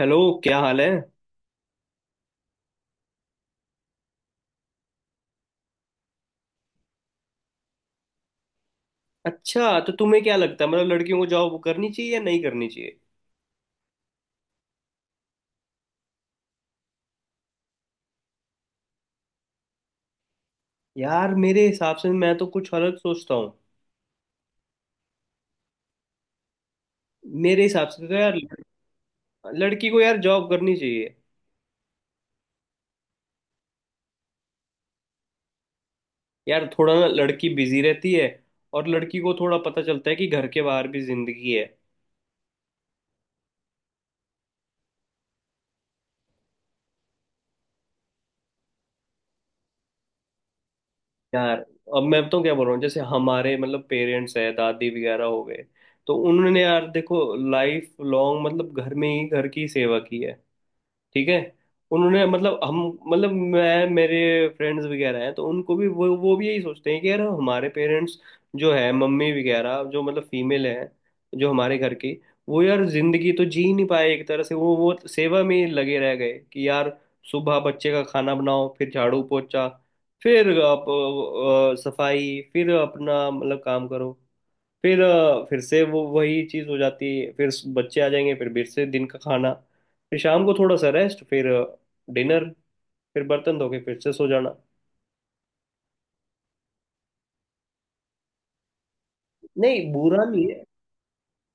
Hello. क्या हाल है? अच्छा, तो तुम्हें क्या लगता है, मतलब लड़कियों को जॉब करनी चाहिए या नहीं करनी चाहिए? यार मेरे हिसाब से मैं तो कुछ अलग सोचता हूँ। मेरे हिसाब से तो यार, लड़की को यार जॉब करनी चाहिए। यार थोड़ा ना, लड़की बिजी रहती है। और लड़की को थोड़ा पता चलता है कि घर के बाहर भी जिंदगी है। यार अब मैं तो क्या बोल रहा हूँ, जैसे हमारे मतलब पेरेंट्स है, दादी वगैरह हो गए, तो उन्होंने यार देखो, लाइफ लॉन्ग मतलब घर में ही घर की सेवा की है। ठीक है। उन्होंने मतलब हम, मतलब मैं मेरे फ्रेंड्स वगैरह हैं, तो उनको भी वो भी यही सोचते हैं कि यार हमारे पेरेंट्स जो है, मम्मी वगैरह जो मतलब फीमेल है, जो हमारे घर की, वो यार जिंदगी तो जी नहीं पाए एक तरह से, वो सेवा में ही लगे रह गए कि यार सुबह बच्चे का खाना बनाओ, फिर झाड़ू पोछा, फिर आप सफाई, फिर अपना मतलब काम करो, फिर से वो वही चीज़ हो जाती है, फिर बच्चे आ जाएंगे, फिर से दिन का खाना, फिर शाम को थोड़ा सा रेस्ट, फिर डिनर, फिर बर्तन धो के फिर से सो जाना। नहीं, बुरा नहीं है।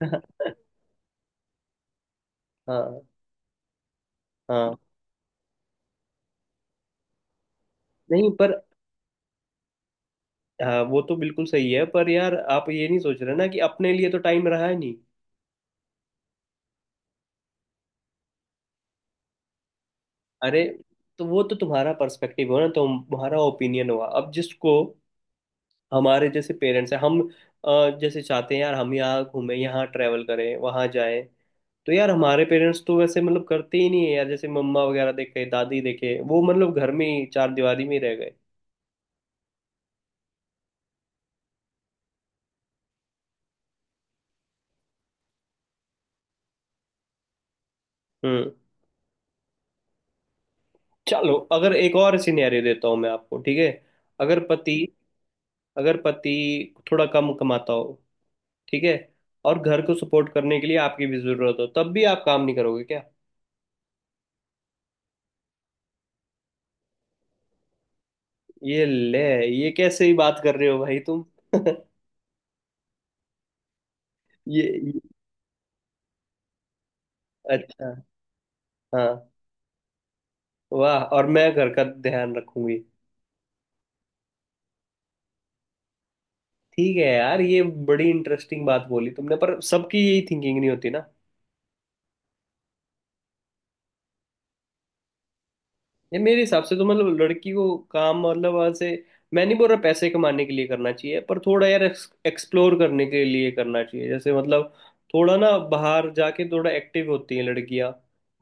हाँ। हाँ। नहीं पर। हाँ, वो तो बिल्कुल सही है, पर यार आप ये नहीं सोच रहे ना कि अपने लिए तो टाइम रहा ही नहीं। अरे, तो वो तो तुम्हारा पर्सपेक्टिव हो ना, तो तुम्हारा ओपिनियन हुआ। अब जिसको हमारे जैसे पेरेंट्स हैं हम, जैसे चाहते हैं यार हम, यहाँ घूमें, यहाँ ट्रैवल करें, वहाँ जाएं, तो यार हमारे पेरेंट्स तो वैसे मतलब करते ही नहीं है यार, जैसे मम्मा वगैरह देखे, दादी देखे, वो मतलब घर में ही चार दीवारी में ही रह गए। हम्म। चलो अगर एक और सिनेरियो देता हूँ मैं आपको, ठीक है? अगर पति, अगर पति थोड़ा कम कमाता हो, ठीक है, और घर को सपोर्ट करने के लिए आपकी भी जरूरत हो, तब भी आप काम नहीं करोगे क्या? ये ले। ये कैसे ही बात कर रहे हो भाई तुम? ये अच्छा। हाँ। वाह, और मैं घर का ध्यान रखूंगी। ठीक है यार, ये बड़ी इंटरेस्टिंग बात बोली तुमने, पर सबकी यही थिंकिंग नहीं होती ना। ये मेरे हिसाब से तो मतलब लड़की को काम, मतलब ऐसे मैं नहीं बोल रहा पैसे कमाने के लिए करना चाहिए, पर थोड़ा यार एक्सप्लोर करने के लिए करना चाहिए, जैसे मतलब थोड़ा ना बाहर जाके थोड़ा एक्टिव होती हैं लड़कियां।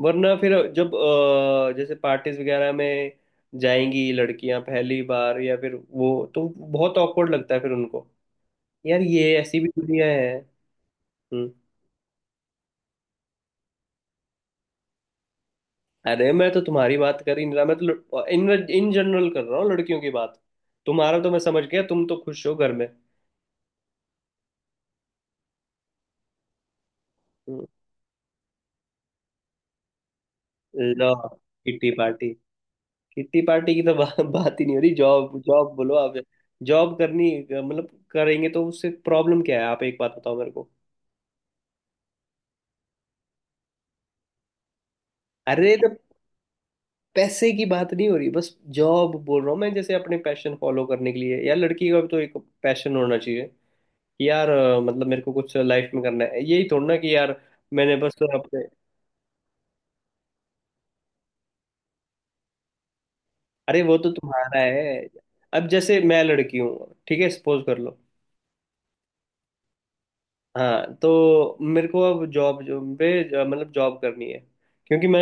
वरना फिर जब जैसे पार्टीज वगैरह में जाएंगी लड़कियां पहली बार या फिर, वो तो बहुत ऑकवर्ड लगता है फिर उनको, यार ये ऐसी भी दुनिया है। हम्म। अरे, मैं तो तुम्हारी बात कर ही नहीं रहा, मैं तो इन इन जनरल कर रहा हूँ लड़कियों की बात। तुम्हारा तो मैं समझ गया, तुम तो खुश हो घर में। हम्म। लो, किट्टी पार्टी। किट्टी पार्टी की तो बात ही नहीं हो रही। जॉब जॉब बोलो आप। जॉब करनी मतलब करेंगे तो उससे प्रॉब्लम क्या है? आप एक बात बताओ मेरे को। अरे, तो पैसे की बात नहीं हो रही, बस जॉब बोल रहा हूँ मैं, जैसे अपने पैशन फॉलो करने के लिए यार, लड़की का भी तो एक पैशन होना चाहिए, कि यार मतलब मेरे को कुछ लाइफ में करना है, यही थोड़ा ना कि यार मैंने बस अपने। अरे वो तो तुम्हारा है। अब जैसे मैं लड़की हूँ, ठीक है, सपोज कर लो। हाँ, तो मेरे को अब जॉब जो पे, मतलब जॉब करनी है क्योंकि मैं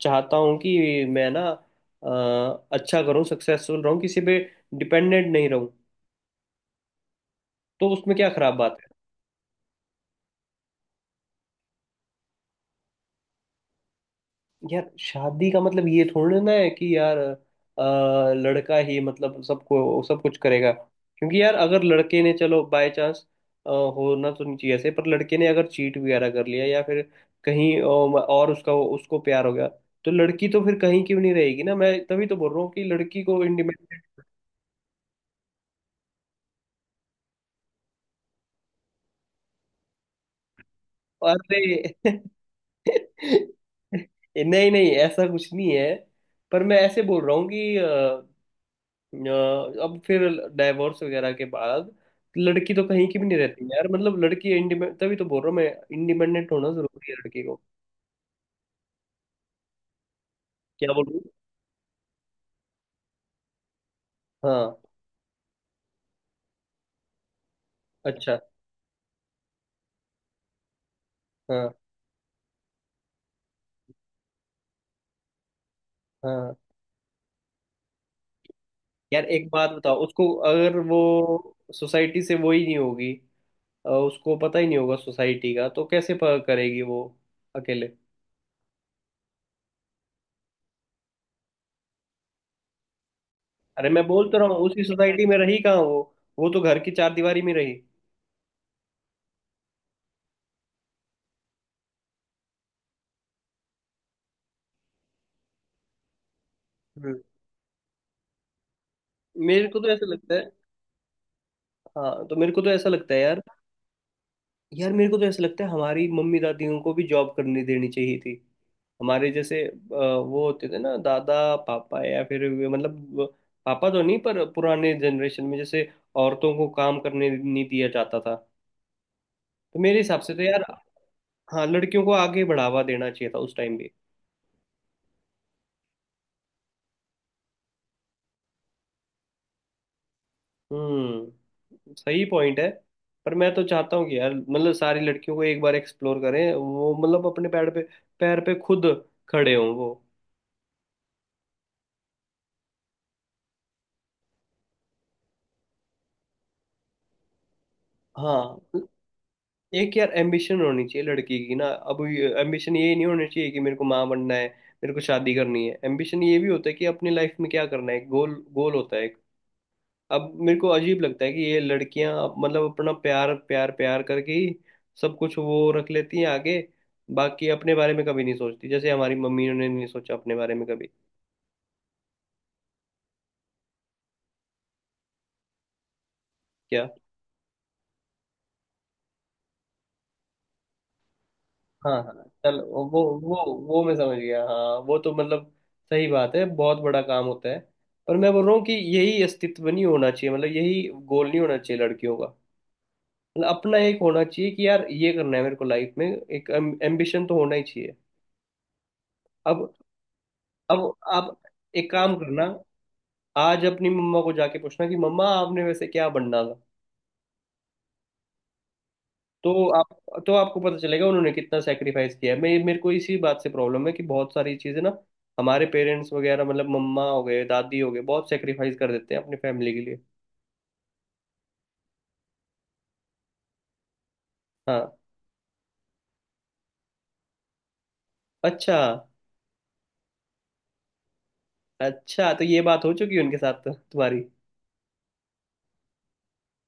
चाहता हूँ कि मैं ना अच्छा करूँ, सक्सेसफुल रहूँ, किसी पे डिपेंडेंट नहीं रहूँ, तो उसमें क्या खराब बात? यार शादी का मतलब ये थोड़ी ना है कि यार लड़का ही मतलब सबको सब कुछ करेगा क्योंकि यार अगर लड़के ने, चलो बाय चांस होना तो नहीं चाहिए ऐसे, पर लड़के ने अगर चीट वगैरह कर लिया या फिर कहीं और उसका उसको प्यार हो गया, तो लड़की तो फिर कहीं क्यों नहीं रहेगी ना, मैं तभी तो बोल रहा हूँ कि लड़की को इंडिपेंडेंट। अरे नहीं नहीं, ऐसा कुछ नहीं है। पर मैं ऐसे बोल रहा हूँ कि अ, अब फिर डाइवोर्स वगैरह के बाद लड़की तो कहीं की भी नहीं रहती यार। मतलब लड़की इंडिपेंडेंट, तभी तो बोल रहा हूँ मैं, इंडिपेंडेंट होना जरूरी है लड़की को। क्या बोल रही हूँ। हाँ। अच्छा। हाँ। हाँ। यार एक बात बताओ, उसको अगर वो सोसाइटी से वो ही नहीं होगी, उसको पता ही नहीं होगा सोसाइटी का, तो कैसे करेगी वो अकेले? अरे मैं बोल तो रहा हूँ, उसी सोसाइटी में रही कहाँ वो? वो तो घर की चार दीवारी में रही। हम्म। मेरे को तो ऐसा लगता है। हाँ, तो मेरे को तो ऐसा लगता है यार, यार मेरे को तो ऐसा लगता है हमारी मम्मी दादियों को भी जॉब करने देनी चाहिए थी, हमारे जैसे। वो होते थे ना दादा, पापा, या फिर पापा तो नहीं, पर पुराने जनरेशन में जैसे औरतों को काम करने नहीं दिया जाता था, तो मेरे हिसाब से तो यार, हाँ, लड़कियों को आगे बढ़ावा देना चाहिए था उस टाइम भी। हम्म, सही पॉइंट है। पर मैं तो चाहता हूँ कि यार मतलब सारी लड़कियों को एक बार एक्सप्लोर करें, वो मतलब अपने पैर पे, खुद खड़े हों वो। हाँ, एक यार एम्बिशन होनी चाहिए लड़की की ना। अब एम्बिशन ये नहीं होना चाहिए कि मेरे को माँ बनना है, मेरे को शादी करनी है। एम्बिशन ये भी होता है कि अपनी लाइफ में क्या करना है, गोल, गोल होता है एक। अब मेरे को अजीब लगता है कि ये लड़कियां मतलब अपना प्यार प्यार प्यार करके ही सब कुछ वो रख लेती हैं आगे, बाकी अपने बारे में कभी नहीं सोचती, जैसे हमारी मम्मी ने नहीं सोचा अपने बारे में कभी। हाँ हाँ। चल, वो, वो मैं समझ गया। हाँ वो तो मतलब सही बात है, बहुत बड़ा काम होता है। पर मैं बोल रहा हूँ कि यही अस्तित्व नहीं होना चाहिए, मतलब यही गोल नहीं होना चाहिए लड़कियों का। मतलब अपना एक होना चाहिए कि यार ये करना है मेरे को लाइफ में, एक एम्बिशन तो होना ही चाहिए। अब अब आप एक काम करना, आज अपनी मम्मा को जाके पूछना कि मम्मा आपने वैसे क्या बनना था, तो आप तो आपको पता चलेगा उन्होंने कितना सेक्रीफाइस किया है। मैं, मेरे को इसी बात से प्रॉब्लम है कि बहुत सारी चीज़ें ना हमारे पेरेंट्स वगैरह मतलब मम्मा हो गए, दादी हो गए, बहुत सेक्रीफाइस कर देते हैं अपनी फैमिली के लिए। हाँ। अच्छा। अच्छा, तो ये बात हो चुकी है उनके साथ तो तुम्हारी?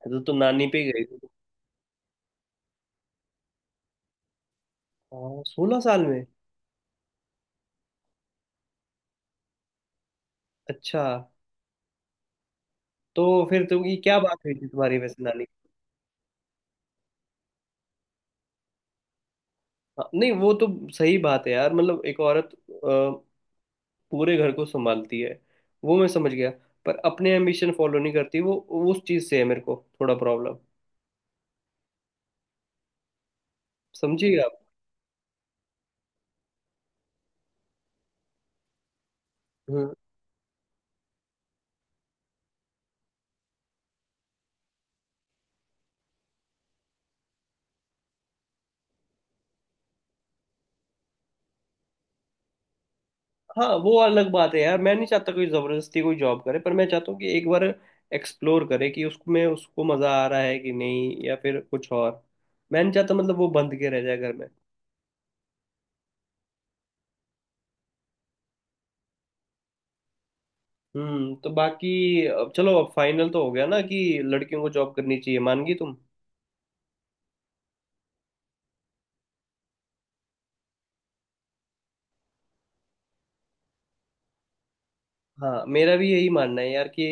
तो तुम नानी पे ही गई थी। हाँ, 16 साल में। अच्छा। तो फिर तुम, ये क्या बात हुई थी तुम्हारी वैसे नानी? हाँ, नहीं, वो तो सही बात है यार, मतलब एक औरत पूरे घर को संभालती है, वो मैं समझ गया, पर अपने एम्बिशन फॉलो नहीं करती वो, उस चीज से है मेरे को थोड़ा प्रॉब्लम, समझिएगा आप। हम्म। हाँ वो अलग बात है यार, मैं नहीं चाहता कोई जबरदस्ती कोई जॉब करे, पर मैं चाहता हूँ कि एक बार एक्सप्लोर करे कि उसमें उसको मजा आ रहा है कि नहीं, या फिर कुछ और। मैं नहीं चाहता मतलब वो बंद के रह जाए घर में। हम्म, तो बाकी अब चलो, अब फाइनल तो हो गया ना कि लड़कियों को जॉब करनी चाहिए, मान गई तुम? हाँ, मेरा भी यही मानना है यार कि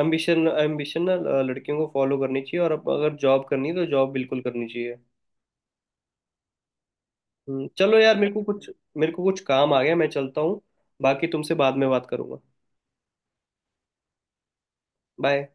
एम्बिशन, ना लड़कियों को फॉलो करनी चाहिए, और अब अगर जॉब करनी है तो जॉब बिल्कुल करनी चाहिए। चलो यार, मेरे को कुछ काम आ गया, मैं चलता हूँ। बाकी तुमसे बाद में बात करूंगा। बाय।